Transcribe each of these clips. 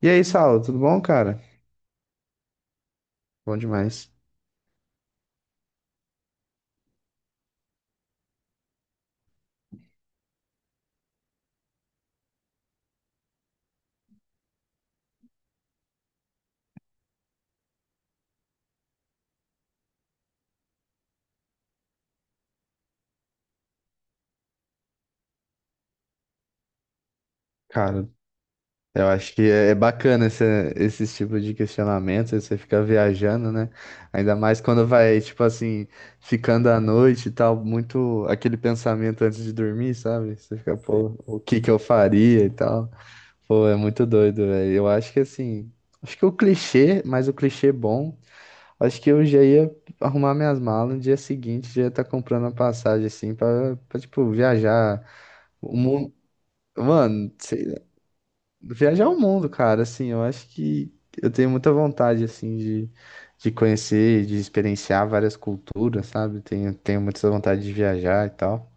E aí, Saulo, tudo bom, cara? Bom demais. Cara, eu acho que é bacana esse tipo de questionamento, aí você fica viajando, né? Ainda mais quando vai, tipo assim, ficando à noite e tal, muito aquele pensamento antes de dormir, sabe? Você fica, pô, o que que eu faria e tal. Pô, é muito doido, velho. Eu acho que assim, acho que o clichê, mas o clichê bom, acho que eu já ia arrumar minhas malas no dia seguinte, já ia estar comprando a passagem, assim, tipo, viajar. Mano, sei lá, viajar o mundo, cara, assim, eu acho que eu tenho muita vontade, assim, de conhecer, de experienciar várias culturas, sabe? Tenho muita vontade de viajar e tal.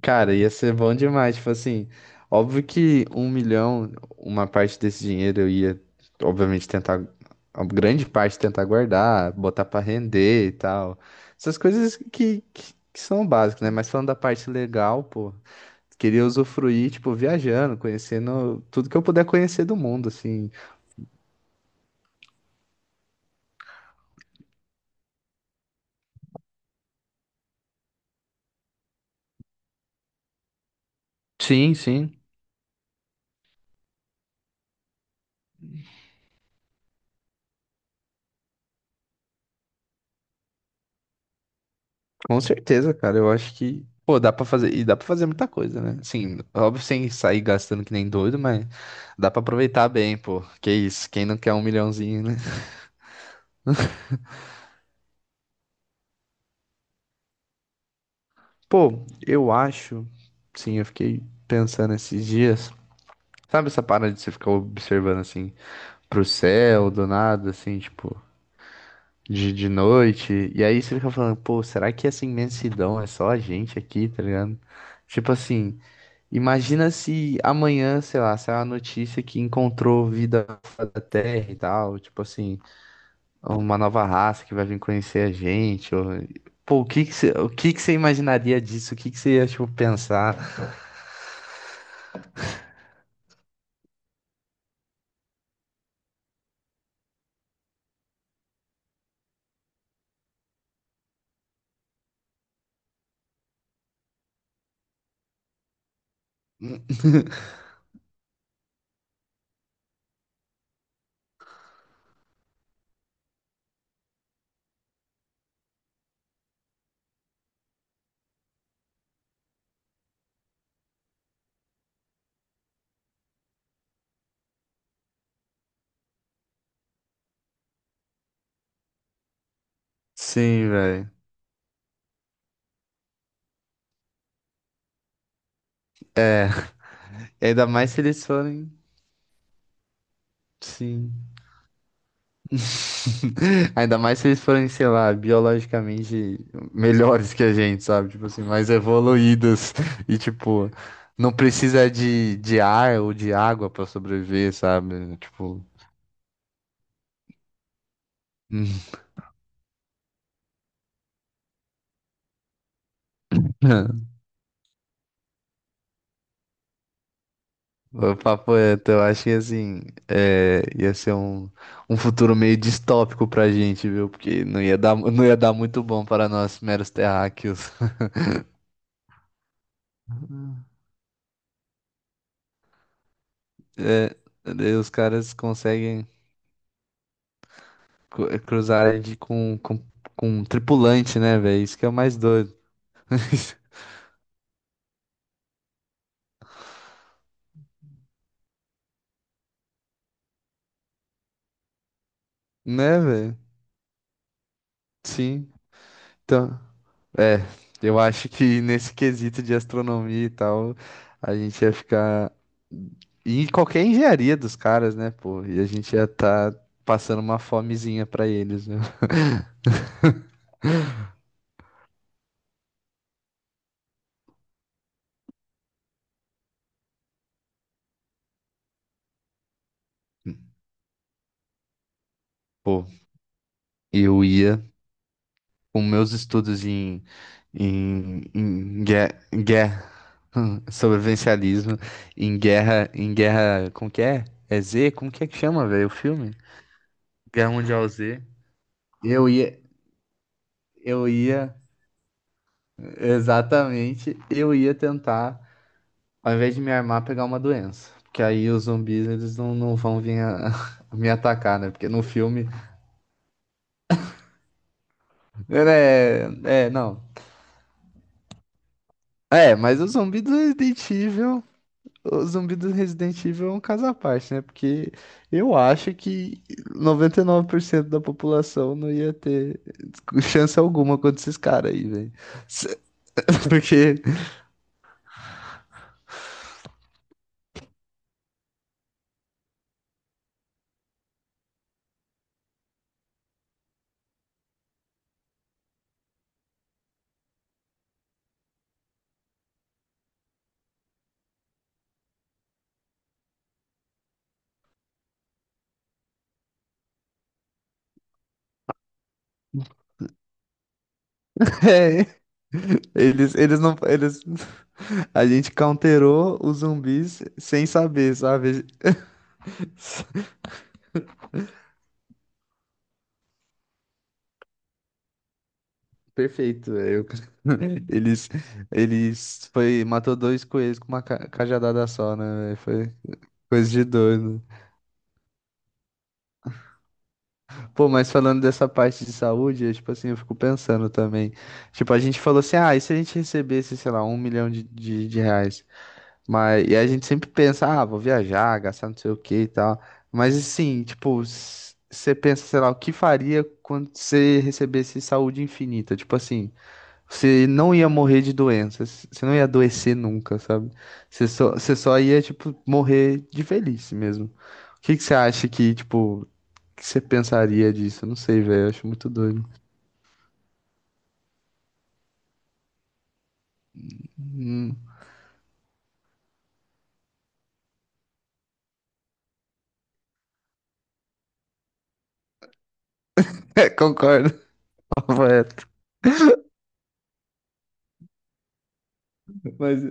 Cara, ia ser bom demais, tipo assim, óbvio que um milhão, uma parte desse dinheiro eu ia, obviamente, tentar, a grande parte tentar guardar, botar pra render e tal. Essas coisas que são básicas, né? Mas falando da parte legal, pô. Queria usufruir, tipo, viajando, conhecendo tudo que eu puder conhecer do mundo, assim. Sim, sim. Com certeza, cara. Eu acho que, pô, dá pra fazer. E dá pra fazer muita coisa, né? Assim, óbvio, sem sair gastando que nem doido, mas dá pra aproveitar bem, pô. Que isso, quem não quer um milhãozinho, né? Pô, eu acho. Sim, eu fiquei pensando esses dias. Sabe essa parada de você ficar observando, assim, pro céu, do nada, assim, tipo. De noite. E aí você fica falando, pô, será que essa imensidão é só a gente aqui, tá ligado? Tipo assim, imagina se amanhã, sei lá, saiu a notícia que encontrou vida fora da Terra e tal, tipo assim, uma nova raça que vai vir conhecer a gente. Ou- Pô, o que que você imaginaria disso? O que que você ia, tipo, pensar? Sim, velho. É Ainda mais se eles forem, sim. Ainda mais se eles forem, sei lá, biologicamente melhores que a gente, sabe? Tipo assim, mais evoluídos e, tipo, não precisa de ar ou de água pra sobreviver, sabe? Tipo. O papo é, então, eu acho que assim, é, ia ser um, um futuro meio distópico pra gente, viu? Porque não ia dar, não ia dar muito bom para nós meros terráqueos. É, daí os caras conseguem. Cru- Cruzarem de, com um tripulante, né, velho? Isso que é o mais doido. Né, velho? Sim. Então, é, eu acho que nesse quesito de astronomia e tal, a gente ia ficar em qualquer engenharia dos caras, né, pô? E a gente ia estar passando uma fomezinha pra eles, né? Pô, eu ia com meus estudos em guerra, guerra sobrevivencialismo, em guerra, como que é? É Z? Como que é que chama, velho, o filme? Guerra Mundial Z. Eu ia, eu ia, exatamente, eu ia tentar, ao invés de me armar, pegar uma doença. Porque aí os zumbis, eles não vão vir a- me atacar, né? Porque no filme, né, não. É, mas o zumbi do Resident Evil O zumbi do Resident Evil é um caso à parte, né? Porque eu acho que 99% da população não ia ter chance alguma contra esses caras aí, velho. Se- Porque é, eles não. Eles... A gente counterou os zumbis sem saber, sabe? Perfeito, velho. Eles, eles foi, matou dois coelhos com uma ca- cajadada só, né? Véi? Foi coisa de doido. Pô, mas falando dessa parte de saúde, é, tipo assim, eu fico pensando também. Tipo, a gente falou assim, ah, e se a gente recebesse, sei lá, um milhão de reais? Mas, e a gente sempre pensa, ah, vou viajar, gastar não sei o que e tal. Mas assim, tipo, você pensa, sei lá, o que faria quando você recebesse saúde infinita? Tipo assim, você não ia morrer de doenças, você não ia adoecer nunca, sabe? Você só ia, tipo, morrer de velhice mesmo. O que que você acha que, tipo, que você pensaria disso? Eu não sei, velho. Eu acho muito doido. Hum. É, concordo. Mas.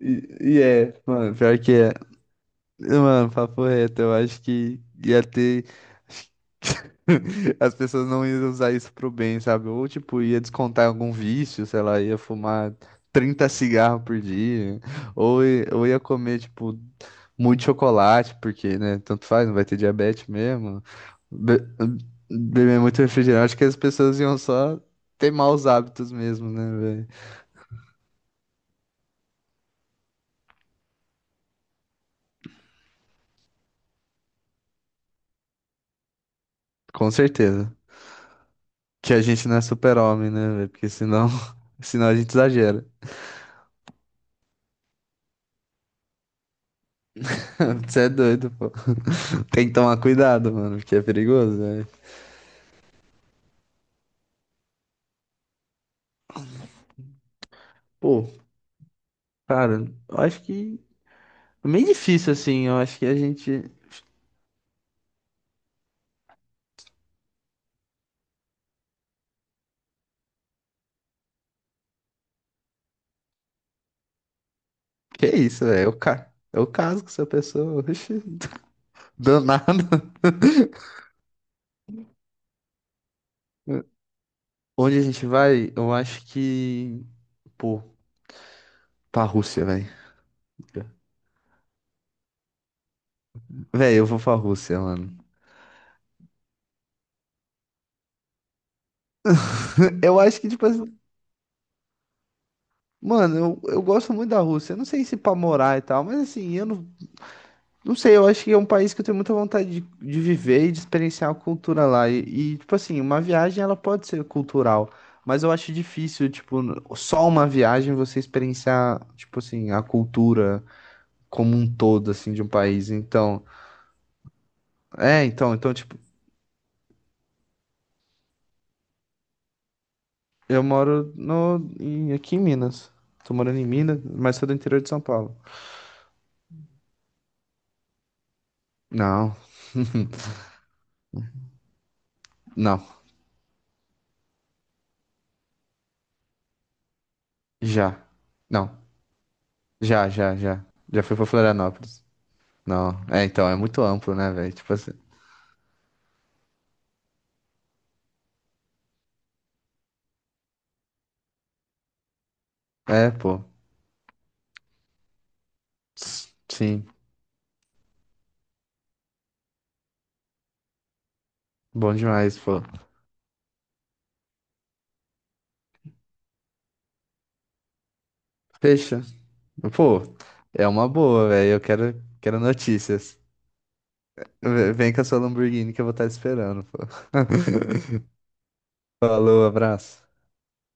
E é, mano, pior que é. Mano, papo reto, eu acho que ia ter. As pessoas não iam usar isso pro bem, sabe? Ou, tipo, ia descontar em algum vício, sei lá, ia fumar 30 cigarros por dia, ou, i- ou ia comer, tipo, muito chocolate, porque, né, tanto faz, não vai ter diabetes mesmo. Be- beber muito refrigerante, acho que as pessoas iam só ter maus hábitos mesmo, né, velho? Com certeza. Que a gente não é super-homem, né, velho? Porque senão, senão a gente exagera. Você é doido, pô. Tem que tomar cuidado, mano, porque é perigoso, velho. Pô, cara, eu acho que é meio difícil assim. Eu acho que a gente. Que isso, velho? Eu, ca... eu caso com essa pessoa. Oxi, danado. Onde a gente vai? Eu acho que. Pô, pra Rússia, velho. Velho, eu vou pra Rússia, mano. Eu acho que, tipo assim. Mano, eu gosto muito da Rússia. Eu não sei se pra morar e tal, mas assim, eu não, não sei, eu acho que é um país que eu tenho muita vontade de viver e de experienciar a cultura lá. E, tipo assim, uma viagem ela pode ser cultural, mas eu acho difícil, tipo, n- só uma viagem você experienciar, tipo assim, a cultura como um todo, assim, de um país. Então, é, tipo, eu moro no, em- aqui em Minas. Tô morando em Minas, mas sou do interior de São Paulo. Não, não, já. Não, já, já. Já fui pra Florianópolis. Não, é, então, é muito amplo, né, velho? Tipo assim. É, pô. Sim, bom demais, pô. Fecha. Pô, é uma boa, velho. Quero notícias. V- Vem com a sua Lamborghini que eu vou estar esperando, pô. Falou, abraço.